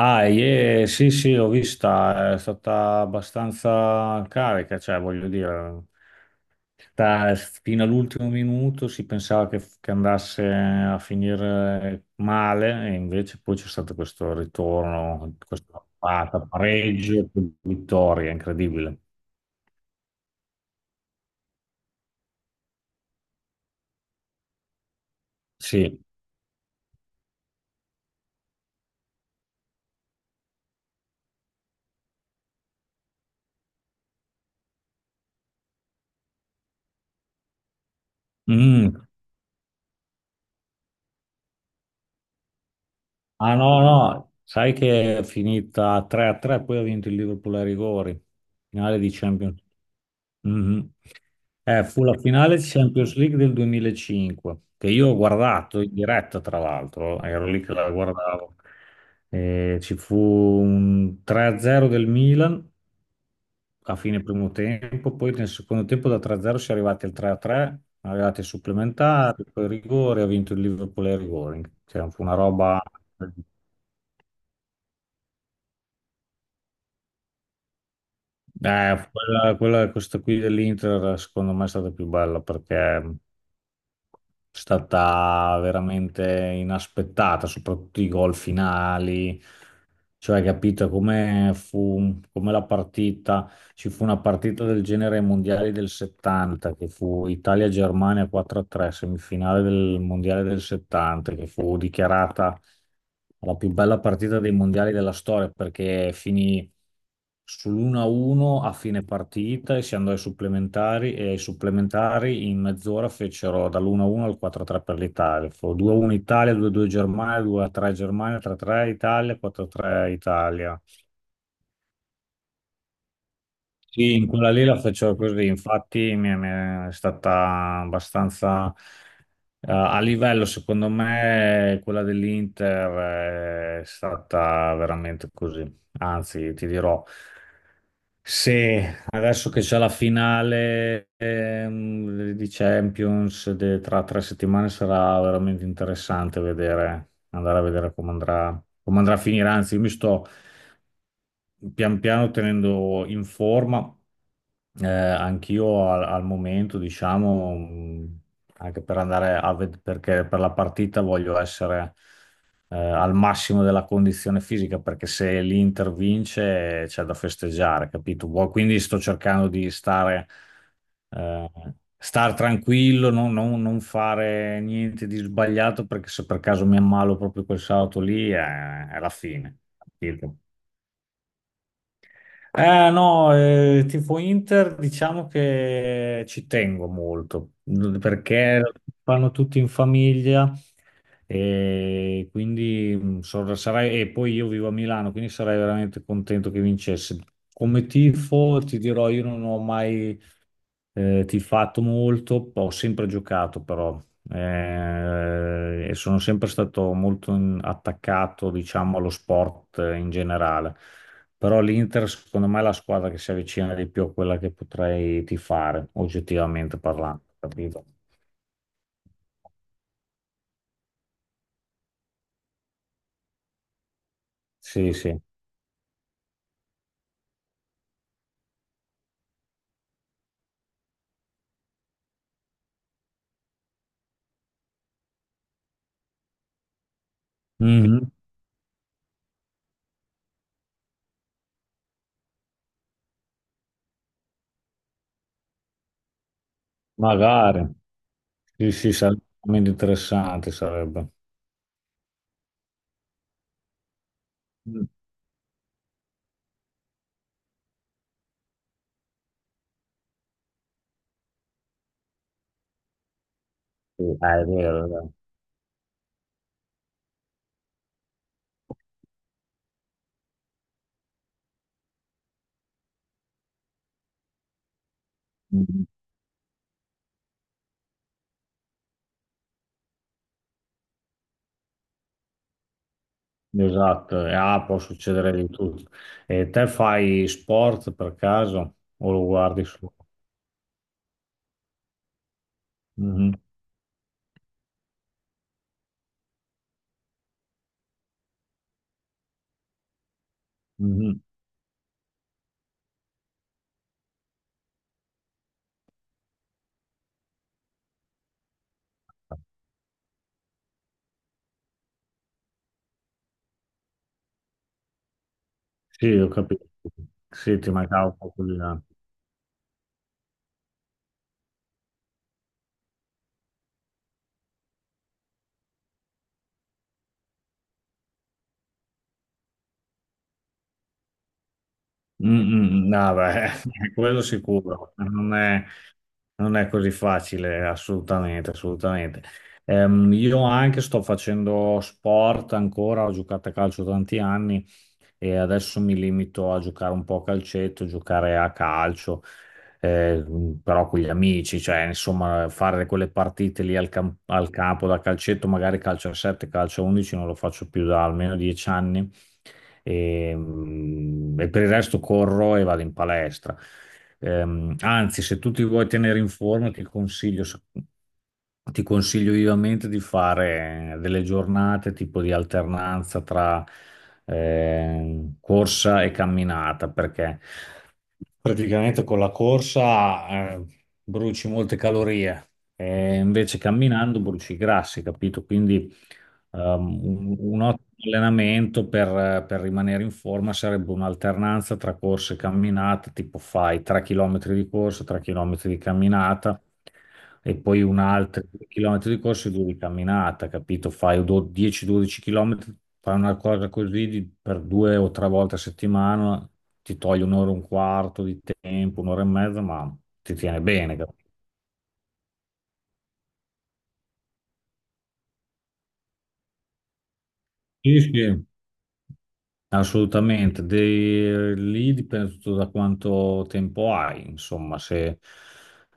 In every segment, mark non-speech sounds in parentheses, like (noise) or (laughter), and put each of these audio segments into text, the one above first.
Ah, ie, sì, l'ho vista, è stata abbastanza carica, cioè voglio dire, da- fino all'ultimo minuto si pensava che andasse a finire male e invece poi c'è stato questo ritorno, questa parata, pareggio, vittoria, incredibile. Sì. Mm. Ah no, no, sai che è finita 3-3, poi ha vinto il Liverpool ai rigori, finale di Champions. Mhm. Fu la finale di Champions League del 2005, che io ho guardato in diretta, tra l'altro, ero lì che la guardavo. Ci fu un 3-0 del Milan a fine primo tempo, poi nel secondo tempo da 3-0 si è arrivati al 3-3, arrivati ai supplementari, poi ai rigori, ha vinto il Liverpool ai rigori. Cioè, fu una roba... Questa qui dell'Inter secondo me è stata più bella perché è stata veramente inaspettata, soprattutto i gol finali, cioè capito come fu, come la partita. Ci fu una partita del genere ai mondiali del 70, che fu Italia-Germania 4-3, semifinale del mondiale del 70, che fu dichiarata la più bella partita dei mondiali della storia, perché finì sull'1-1 a uno a fine partita e si andò ai supplementari e ai supplementari in mezz'ora fecero dall'1-1 al 4-3 per l'Italia. Fu 2-1 Italia, 2-2 Germania, 2-3 Germania, 3-3 Italia, 4-3 Italia. Sì, in quella lì la facevo così, infatti mi è stata abbastanza a livello, secondo me, quella dell'Inter è stata veramente così. Anzi, ti dirò, se adesso che c'è la finale di Champions, tra tre settimane sarà veramente interessante vedere, andare a vedere come andrà a finire. Anzi, io mi sto pian piano tenendo in forma anch'io al momento, diciamo, anche per andare a vedere, perché per la partita voglio essere al massimo della condizione fisica, perché se l'Inter vince c'è da festeggiare, capito? Quindi sto cercando di stare, eh, star tranquillo, non fare niente di sbagliato, perché se per caso mi ammalo proprio quel sabato lì, è la fine. Capito? Eh no, tifo Inter, diciamo che ci tengo molto, perché lo fanno tutti in famiglia e quindi sarei, e poi io vivo a Milano, quindi sarei veramente contento che vincesse. Come tifo ti dirò, io non ho mai tifato molto, ho sempre giocato però e sono sempre stato molto attaccato, diciamo, allo sport in generale. Però l'Inter, secondo me, è la squadra che si avvicina di più a quella che potrei tifare, oggettivamente parlando, capito? Sì, sì. Mhm. Magari. Sì, sì, sarebbe interessante, sarebbe. Mm. Sì, ah, è vero, è vero. Mhm. Esatto, e, ah, può succedere di tutto. E te fai sport per caso o lo guardi solo? Mhm, mhm. Sì, ho capito. Sì, ti mancava un po' di là. Mm, mm, no, beh, (laughs) quello sicuro, non è così facile, assolutamente, assolutamente. Io anche sto facendo sport ancora, ho giocato a calcio tanti anni, e adesso mi limito a giocare un po' a calcetto, giocare a calcio, eh, però con gli amici, cioè insomma fare quelle partite lì al campo da calcetto, magari calcio a 7, calcio a 11, non lo faccio più da almeno 10 anni e, e per il resto corro e vado in palestra. Anzi, se tu ti vuoi tenere in forma, ti consiglio. Ti consiglio vivamente di fare delle giornate tipo di alternanza tra corsa e camminata, perché praticamente con la corsa eh, bruci molte calorie e invece camminando bruci i grassi, capito? Quindi un ottimo allenamento per rimanere in forma sarebbe un'alternanza tra corse e camminate, tipo fai 3 km di corsa, 3 km di camminata e poi un altro 2 km di corsa e 2 di camminata, capito? Fai 10-12 km, fai una cosa così per due o tre volte a settimana, ti toglie un'ora e un quarto di tempo, un'ora e mezza, ma ti tiene bene. Capito? Sì, sì. Assolutamente, lì dipende tutto da quanto tempo hai, insomma, se,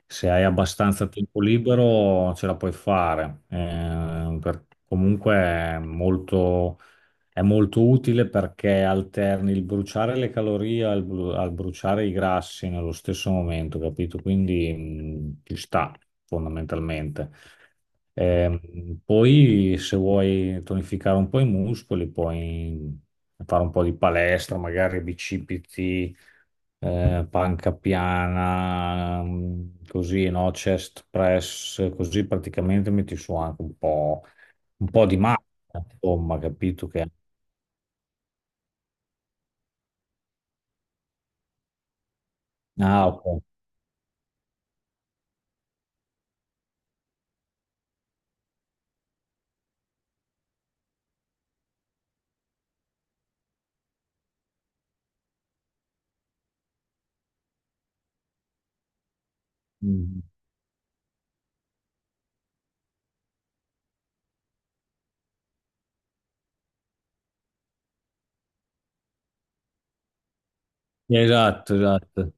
se hai abbastanza tempo libero ce la puoi fare. Comunque è molto, è molto utile perché alterni il bruciare le calorie al bruciare i grassi nello stesso momento, capito? Quindi ci sta fondamentalmente. Poi se vuoi tonificare un po' i muscoli, puoi fare un po' di palestra, magari bicipiti, panca piana, così, no? Chest press, così praticamente metti su anche un po' di massa, insomma, capito che... Ah, ok. Mhm. Esatto, esatto.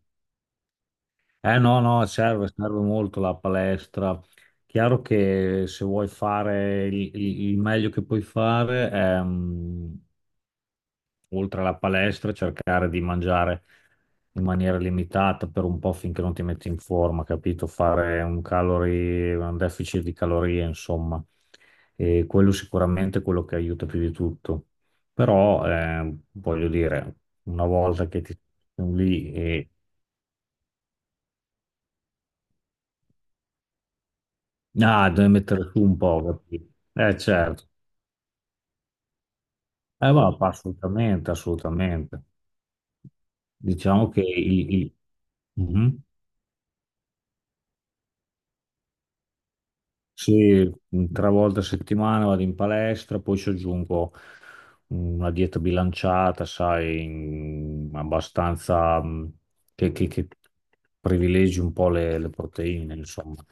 Eh no, no, serve, serve molto la palestra. Chiaro che se vuoi fare il meglio che puoi fare oltre alla palestra, cercare di mangiare in maniera limitata per un po' finché non ti metti in forma, capito? Fare un calorie, un deficit di calorie, insomma. E quello sicuramente è quello che aiuta più di tutto. Però, voglio dire, una volta che ti sono lì e... Ah, devi mettere su un po', capito? Certo. Va, assolutamente, assolutamente. Diciamo che il... Mhm. Sì, mm, tre volte a settimana vado in palestra, poi ci aggiungo una dieta bilanciata, sai, abbastanza che che privilegi un po' le proteine, insomma.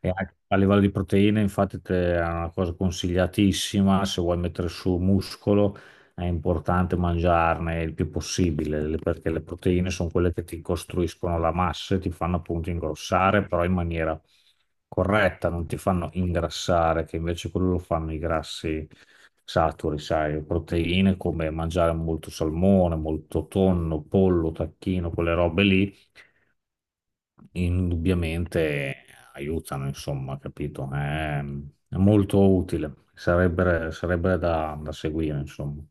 E anche a livello di proteine, infatti, è una cosa consigliatissima, se vuoi mettere su muscolo è importante mangiarne il più possibile, perché le proteine sono quelle che ti costruiscono la massa e ti fanno appunto ingrossare, però in maniera corretta, non ti fanno ingrassare, che invece quello lo fanno i grassi saturi, sai, proteine come mangiare molto salmone, molto tonno, pollo, tacchino, quelle robe lì, indubbiamente aiutano, insomma, capito? È molto utile, sarebbe, sarebbe da seguire, insomma.